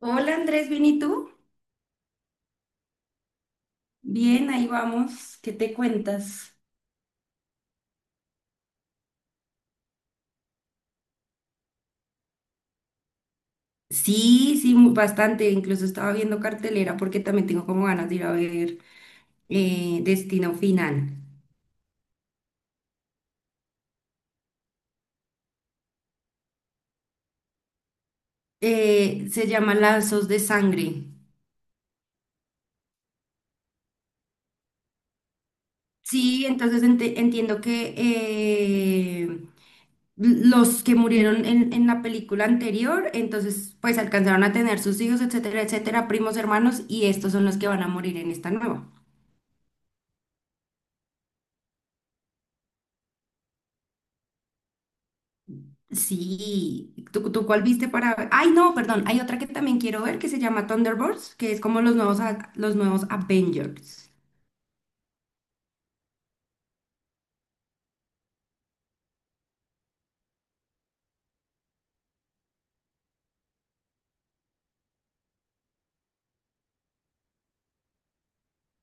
Hola Andrés, ¿bien y tú? Bien, ahí vamos. ¿Qué te cuentas? Sí, sí, bastante. Incluso estaba viendo cartelera porque también tengo como ganas de ir a ver Destino Final. Se llama Lazos de Sangre. Sí, entonces entiendo que los que murieron en la película anterior, entonces pues alcanzaron a tener sus hijos, etcétera, etcétera, primos, hermanos, y estos son los que van a morir en esta nueva. Sí, ¿tú cuál viste para ver? Ay, no, perdón, hay otra que también quiero ver que se llama Thunderbolts, que es como los nuevos, los nuevos Avengers.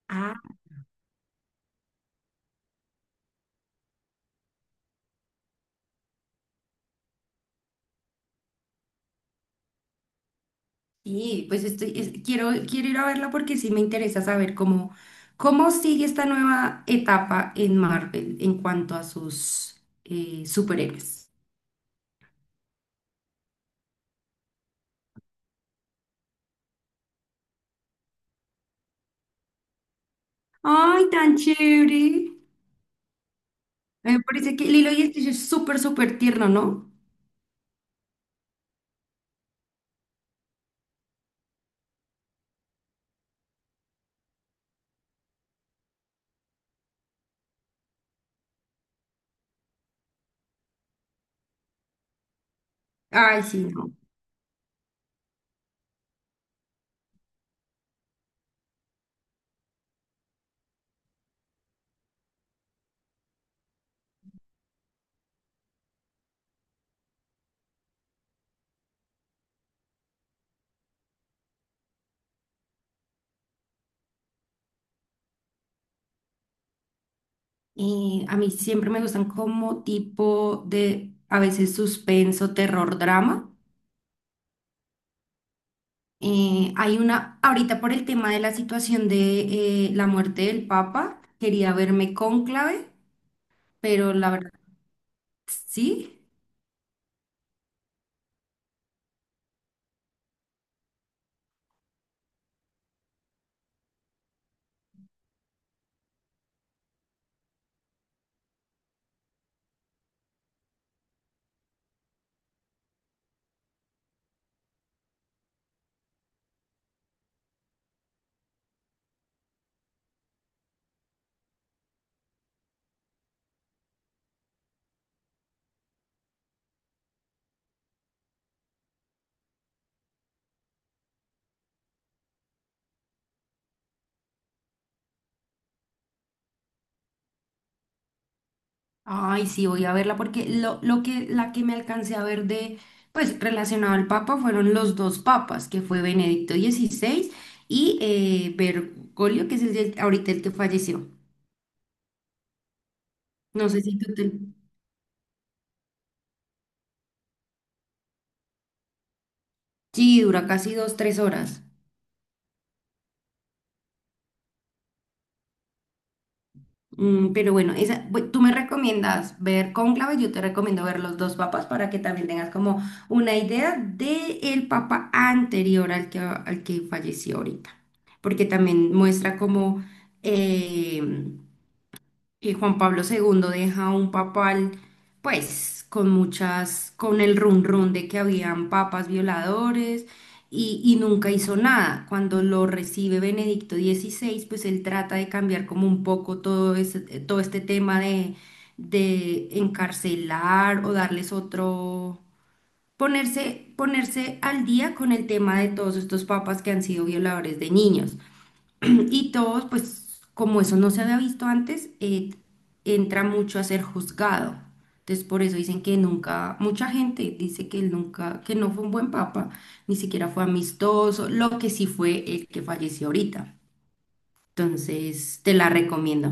Ah, sí, pues quiero, quiero ir a verla porque sí me interesa saber cómo, cómo sigue esta nueva etapa en Marvel en cuanto a sus superhéroes. ¡Ay, tan chévere! Me parece que Lilo y Stitch es súper, súper tierno, ¿no? Ay, sí, no. A mí siempre me gustan como tipo de, a veces suspenso, terror, drama. Hay una, ahorita por el tema de la situación de la muerte del Papa, quería verme Cónclave, pero la verdad, sí. Ay, sí, voy a verla porque lo que, la que me alcancé a ver de, pues relacionado al Papa fueron los dos papas, que fue Benedicto XVI y Bergoglio, que es el, ahorita el que falleció. No sé si tú te... Sí, dura casi dos, tres horas. Mm, pero bueno, esa, tú me recomiendas ver Cónclave, yo te recomiendo ver los dos papas para que también tengas como una idea del papa anterior al que falleció ahorita, porque también muestra como eh, y Juan Pablo segundo deja un papal, pues, con muchas, con el run run de que habían papas violadores y nunca hizo nada. Cuando lo recibe Benedicto dieciséis, pues él trata de cambiar como un poco todo todo este tema de encarcelar o darles otro, ponerse, ponerse al día con el tema de todos estos papas que han sido violadores de niños. Y todos, pues como eso no se había visto antes, entra mucho a ser juzgado. Entonces por eso dicen que nunca, mucha gente dice que él nunca, que no fue un buen papa, ni siquiera fue amistoso, lo que sí fue el que falleció ahorita. Entonces te la recomiendo.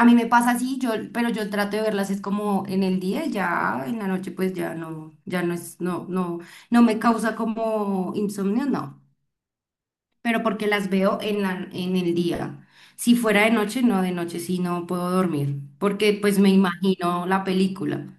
A mí me pasa así, yo, pero yo trato de verlas es como en el día, ya en la noche pues ya no, ya no es, no, no, no me causa como insomnio, no. Pero porque las veo en el día. Si fuera de noche, no, de noche sí no puedo dormir, porque pues me imagino la película.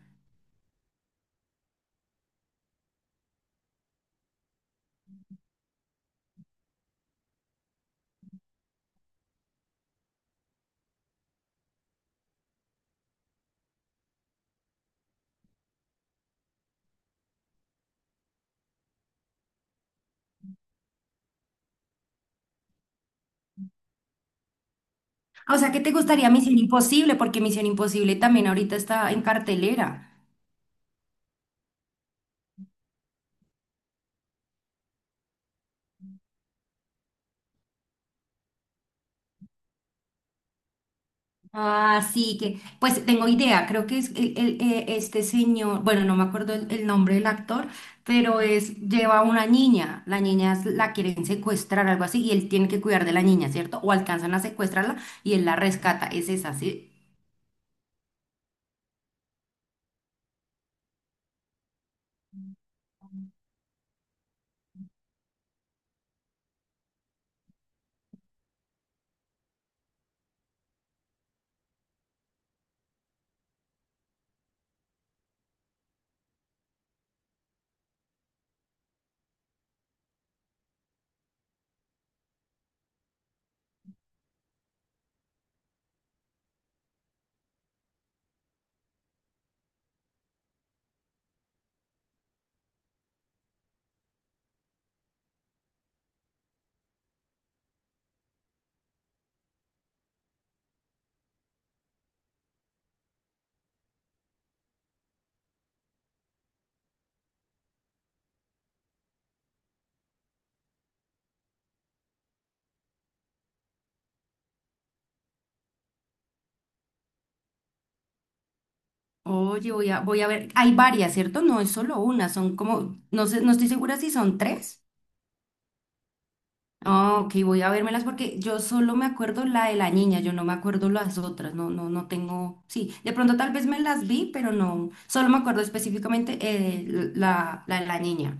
Ah, o sea, ¿qué te gustaría? ¿Misión Imposible? Porque Misión Imposible también ahorita está en cartelera. Así que, pues tengo idea, creo que es este señor, bueno, no me acuerdo el nombre del actor, pero es, lleva a una niña, la niña la quieren secuestrar, algo así, y él tiene que cuidar de la niña, ¿cierto? O alcanzan a secuestrarla y él la rescata, es esa, ¿sí? Oye, voy a ver. Hay varias, ¿cierto? No es solo una, son como, no sé, no estoy segura si son tres. Ah, ok, voy a vérmelas porque yo solo me acuerdo la de la niña, yo no me acuerdo las otras, no, no, no tengo. Sí, de pronto tal vez me las vi, pero no, solo me acuerdo específicamente la de la niña.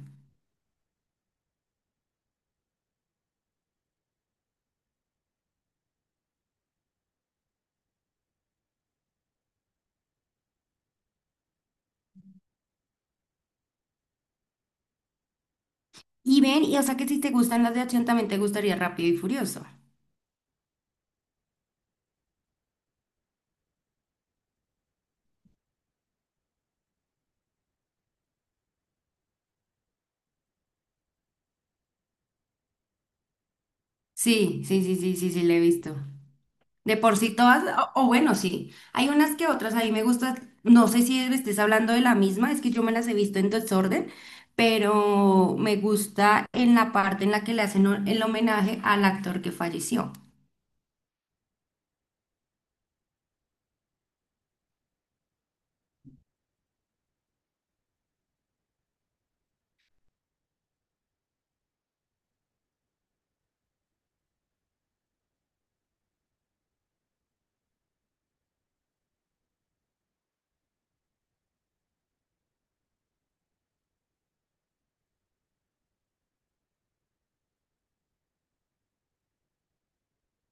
Y ven, y o sea que si te gustan las de acción, también te gustaría Rápido y Furioso. Sí, sí, sí, sí, sí, sí, le he visto. De por sí todas, o bueno, sí, hay unas que otras, a mí me gustan, no sé si estés hablando de la misma, es que yo me las he visto en desorden, pero me gusta en la parte en la que le hacen el homenaje al actor que falleció.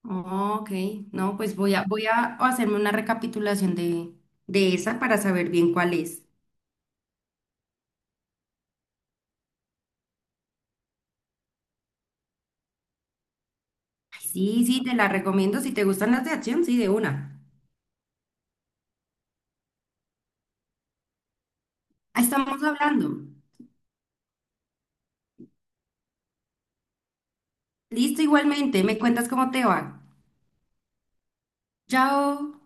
Oh, ok, no, pues voy a hacerme una recapitulación de esa para saber bien cuál es. Ay, sí, sí, te la recomiendo, si te gustan las de acción, sí, de una. Ah, estamos hablando. Listo, igualmente, me cuentas cómo te va. Chao.